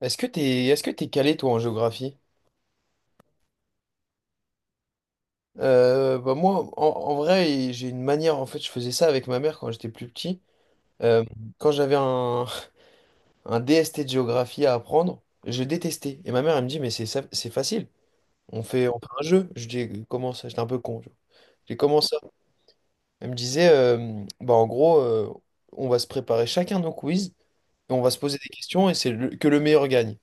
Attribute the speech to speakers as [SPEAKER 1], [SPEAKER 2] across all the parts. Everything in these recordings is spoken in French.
[SPEAKER 1] Est-ce que t'es calé toi en géographie? Bah moi, en, en vrai, j'ai une manière. En fait, je faisais ça avec ma mère quand j'étais plus petit. Euh, quand j'avais un, un DST de géographie à apprendre, je détestais. Et ma mère, elle me dit, mais c'est facile. On fait un jeu. Je dis, comment ça? J'étais un peu con, tu vois. J'ai commencé. Elle me disait, bah en gros, on va se préparer chacun nos quiz et on va se poser des questions et que le meilleur gagne.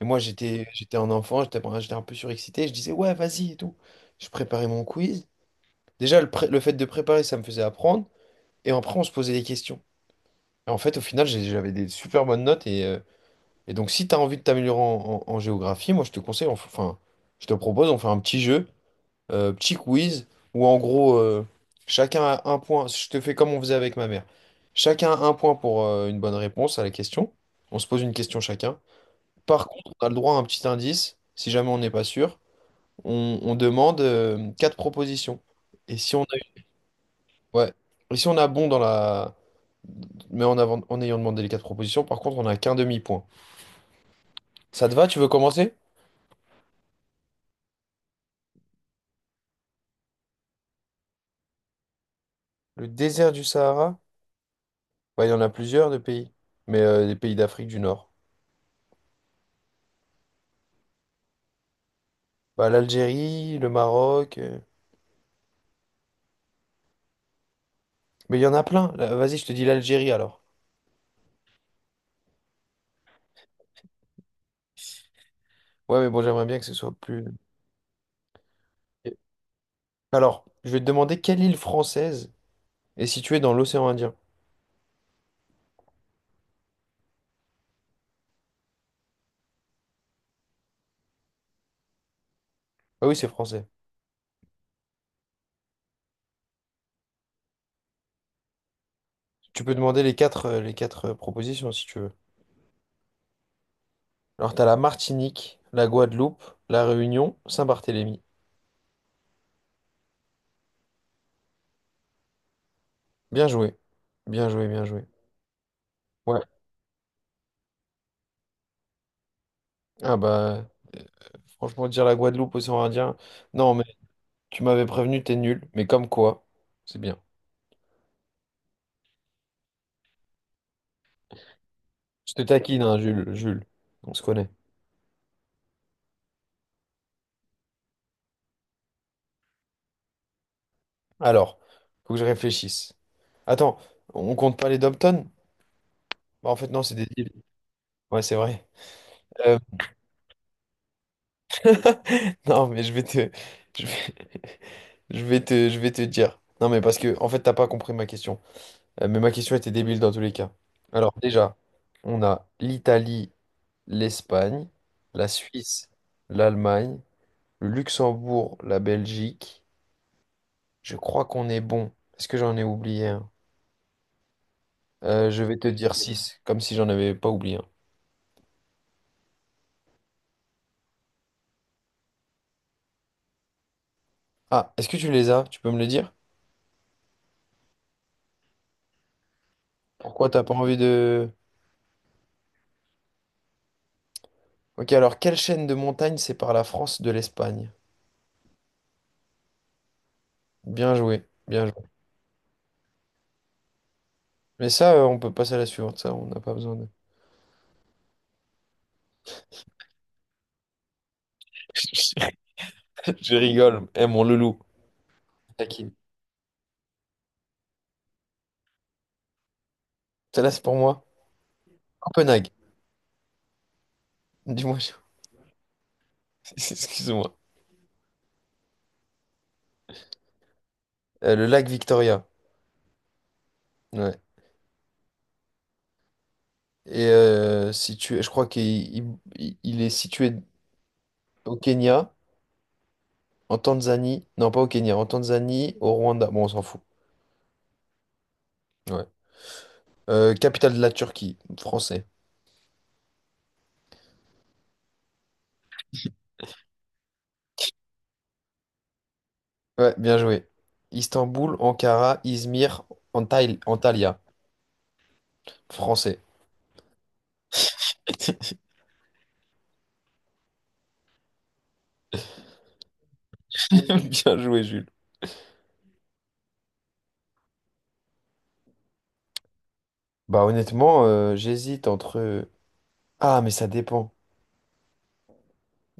[SPEAKER 1] Et moi, j'étais un enfant, j'étais enfin, j'étais un peu surexcité, je disais, ouais, vas-y et tout. Je préparais mon quiz. Déjà, le fait de préparer, ça me faisait apprendre. Et après, on se posait des questions. Et en fait, au final, j'avais des super bonnes notes. Et donc, si tu as envie de t'améliorer en géographie, moi, je te conseille, enfin, je te propose, on fait un petit jeu, petit quiz où en gros, chacun a un point. Je te fais comme on faisait avec ma mère. Chacun a un point pour une bonne réponse à la question. On se pose une question chacun. Par contre, on a le droit à un petit indice. Si jamais on n'est pas sûr, on demande quatre propositions. Et si on a, ouais. Et si on a bon dans la, mais en avant, en ayant demandé les quatre propositions, par contre, on n'a qu'un demi-point. Ça te va? Tu veux commencer? Le désert du Sahara? Ouais, il y en a plusieurs de pays, mais des pays d'Afrique du Nord. Bah, l'Algérie, le Maroc, mais il y en a plein. Là, vas-y, je te dis l'Algérie alors. Ouais, mais bon, j'aimerais bien que ce soit plus. Alors, je vais te demander quelle île française est située dans l'océan Indien. Ah oui, c'est français. Tu peux demander les quatre propositions si tu veux. Alors, t'as la Martinique, la Guadeloupe, la Réunion, Saint-Barthélemy. Bien joué. Bien joué, bien joué. Ouais. Ah bah, franchement, dire la Guadeloupe, océan Indien. Non, mais tu m'avais prévenu, t'es nul. Mais comme quoi, c'est bien. Je te taquine, hein, Jules, Jules. On se connaît. Alors, faut que je réfléchisse. Attends, on compte pas les Dobton? Bah, en fait, non, c'est des îles. Ouais, c'est vrai. Euh, non, mais je vais, je vais te dire. Non, mais parce que, en fait, t'as pas compris ma question. Mais ma question était débile dans tous les cas. Alors, déjà, on a l'Italie, l'Espagne, la Suisse, l'Allemagne, le Luxembourg, la Belgique. Je crois qu'on est bon. Est-ce que j'en ai oublié un? Je vais te dire 6, comme si j'en avais pas oublié. Ah, est-ce que tu les as? Tu peux me le dire? Pourquoi t'as pas envie de… Ok, alors quelle chaîne de montagne sépare la France de l'Espagne? Bien joué, bien joué. Mais ça, on peut passer à la suivante, ça, on n'a pas besoin de… Je rigole, eh mon loulou. Taquine. Celle-là, c'est pour moi. Copenhague. Dis-moi, je- excuse-moi. Le lac Victoria. Ouais. Et situé, je crois qu'il il est situé au Kenya, en Tanzanie. Non, pas au Kenya, en Tanzanie, au Rwanda. Bon, on s'en fout. Ouais. Capitale de la Turquie, français. Ouais, bien joué. Istanbul, Ankara, Izmir, Antalya. Français. Bien joué, Jules. Bah honnêtement, j'hésite entre… Ah, mais ça dépend.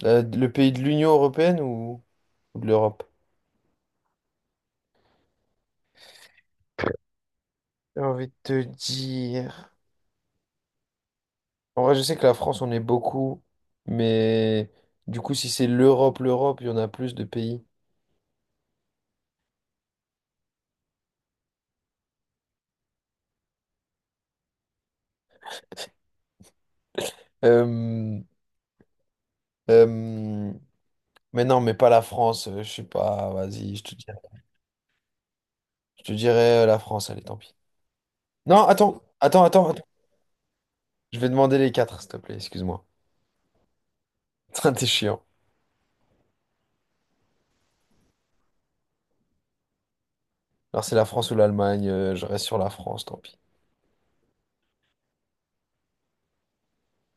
[SPEAKER 1] Le pays de l'Union européenne ou de l'Europe? J'ai envie de te dire… En vrai, je sais que la France, on est beaucoup, mais du coup, si c'est l'Europe, l'Europe, il y en a plus de pays. Euh, euh, Mais non, mais pas la France, je sais pas, vas-y, je te dirais la France, allez, tant pis. Non, attends. Je vais demander les quatre, s'il te plaît, excuse-moi. T'es chiant. Alors, c'est la France ou l'Allemagne, je reste sur la France, tant pis.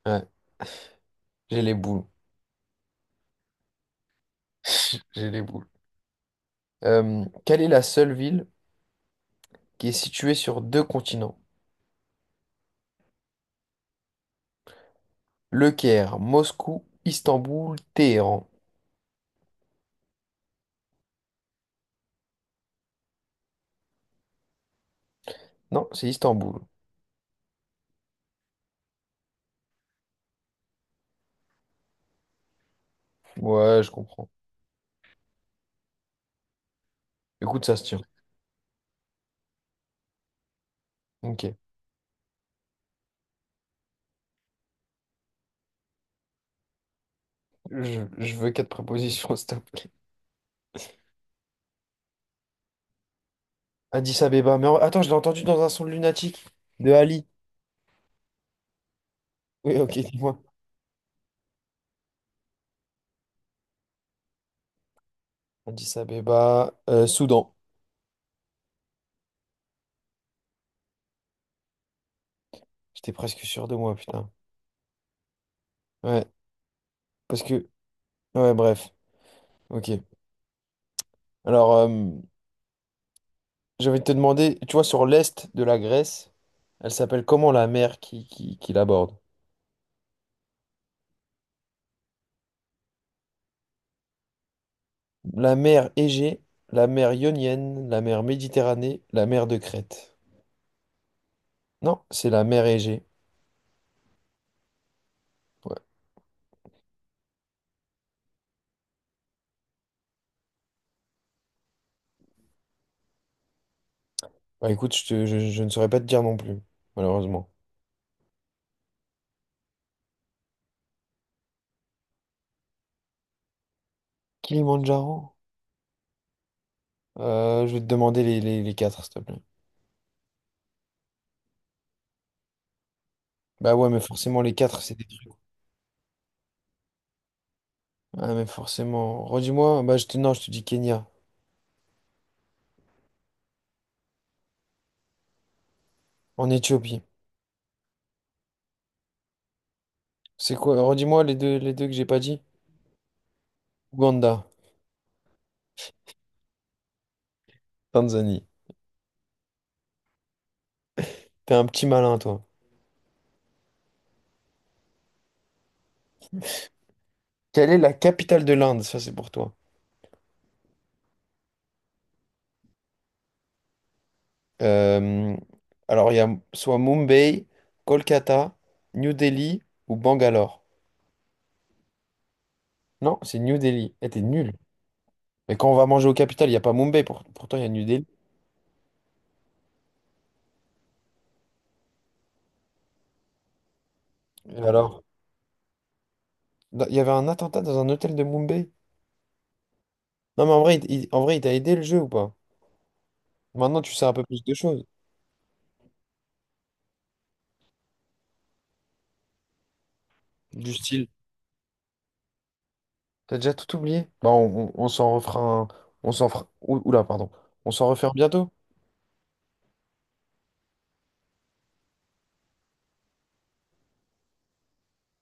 [SPEAKER 1] Ouais, j'ai les boules. J'ai les boules. Quelle est la seule ville qui est située sur deux continents? Le Caire, Moscou, Istanbul, Téhéran. Non, c'est Istanbul. Ouais, je comprends. Écoute, ça se tient. Ok. Je veux quatre prépositions, s'il te plaît. Addis Abeba, mais attends, je l'ai entendu dans un son de lunatique de Ali. Oui, ok, dis-moi. Addis Abeba, Soudan. J'étais presque sûr de moi, putain. Ouais, parce que… Ouais, bref. Ok. Alors, j'avais te demander, tu vois, sur l'est de la Grèce, elle s'appelle comment la mer qui l'aborde? La mer Égée, la mer Ionienne, la mer Méditerranée, la mer de Crète. Non, c'est la mer Égée. Ouais. Bah écoute, je ne saurais pas te dire non plus, malheureusement. Kilimandjaro? Je vais te demander les quatre, s'il te plaît. Bah ouais, mais forcément, les quatre, c'est des trucs. Ah, mais forcément. Redis-moi, bah je te… non, je te dis Kenya. En Éthiopie. C'est quoi? Redis-moi les deux que j'ai pas dit. Ouganda, Tanzanie. T'es un petit malin, toi. Quelle est la capitale de l'Inde? Ça, c'est pour toi. Euh, alors, il y a soit Mumbai, Kolkata, New Delhi ou Bangalore. Non, c'est New Delhi. Eh, t'es nul. Mais quand on va manger au capital, il n'y a pas Mumbai. Pourtant, il y a New Delhi. Et alors? Il y avait un attentat dans un hôtel de Mumbai? Non, mais en vrai, en vrai, il t'a aidé le jeu ou pas? Maintenant, tu sais un peu plus de choses. Du style. T'as déjà tout oublié? Bah, on s'en refera un… On s'en fera… Ouh- Oula, pardon. On s'en refait un bientôt?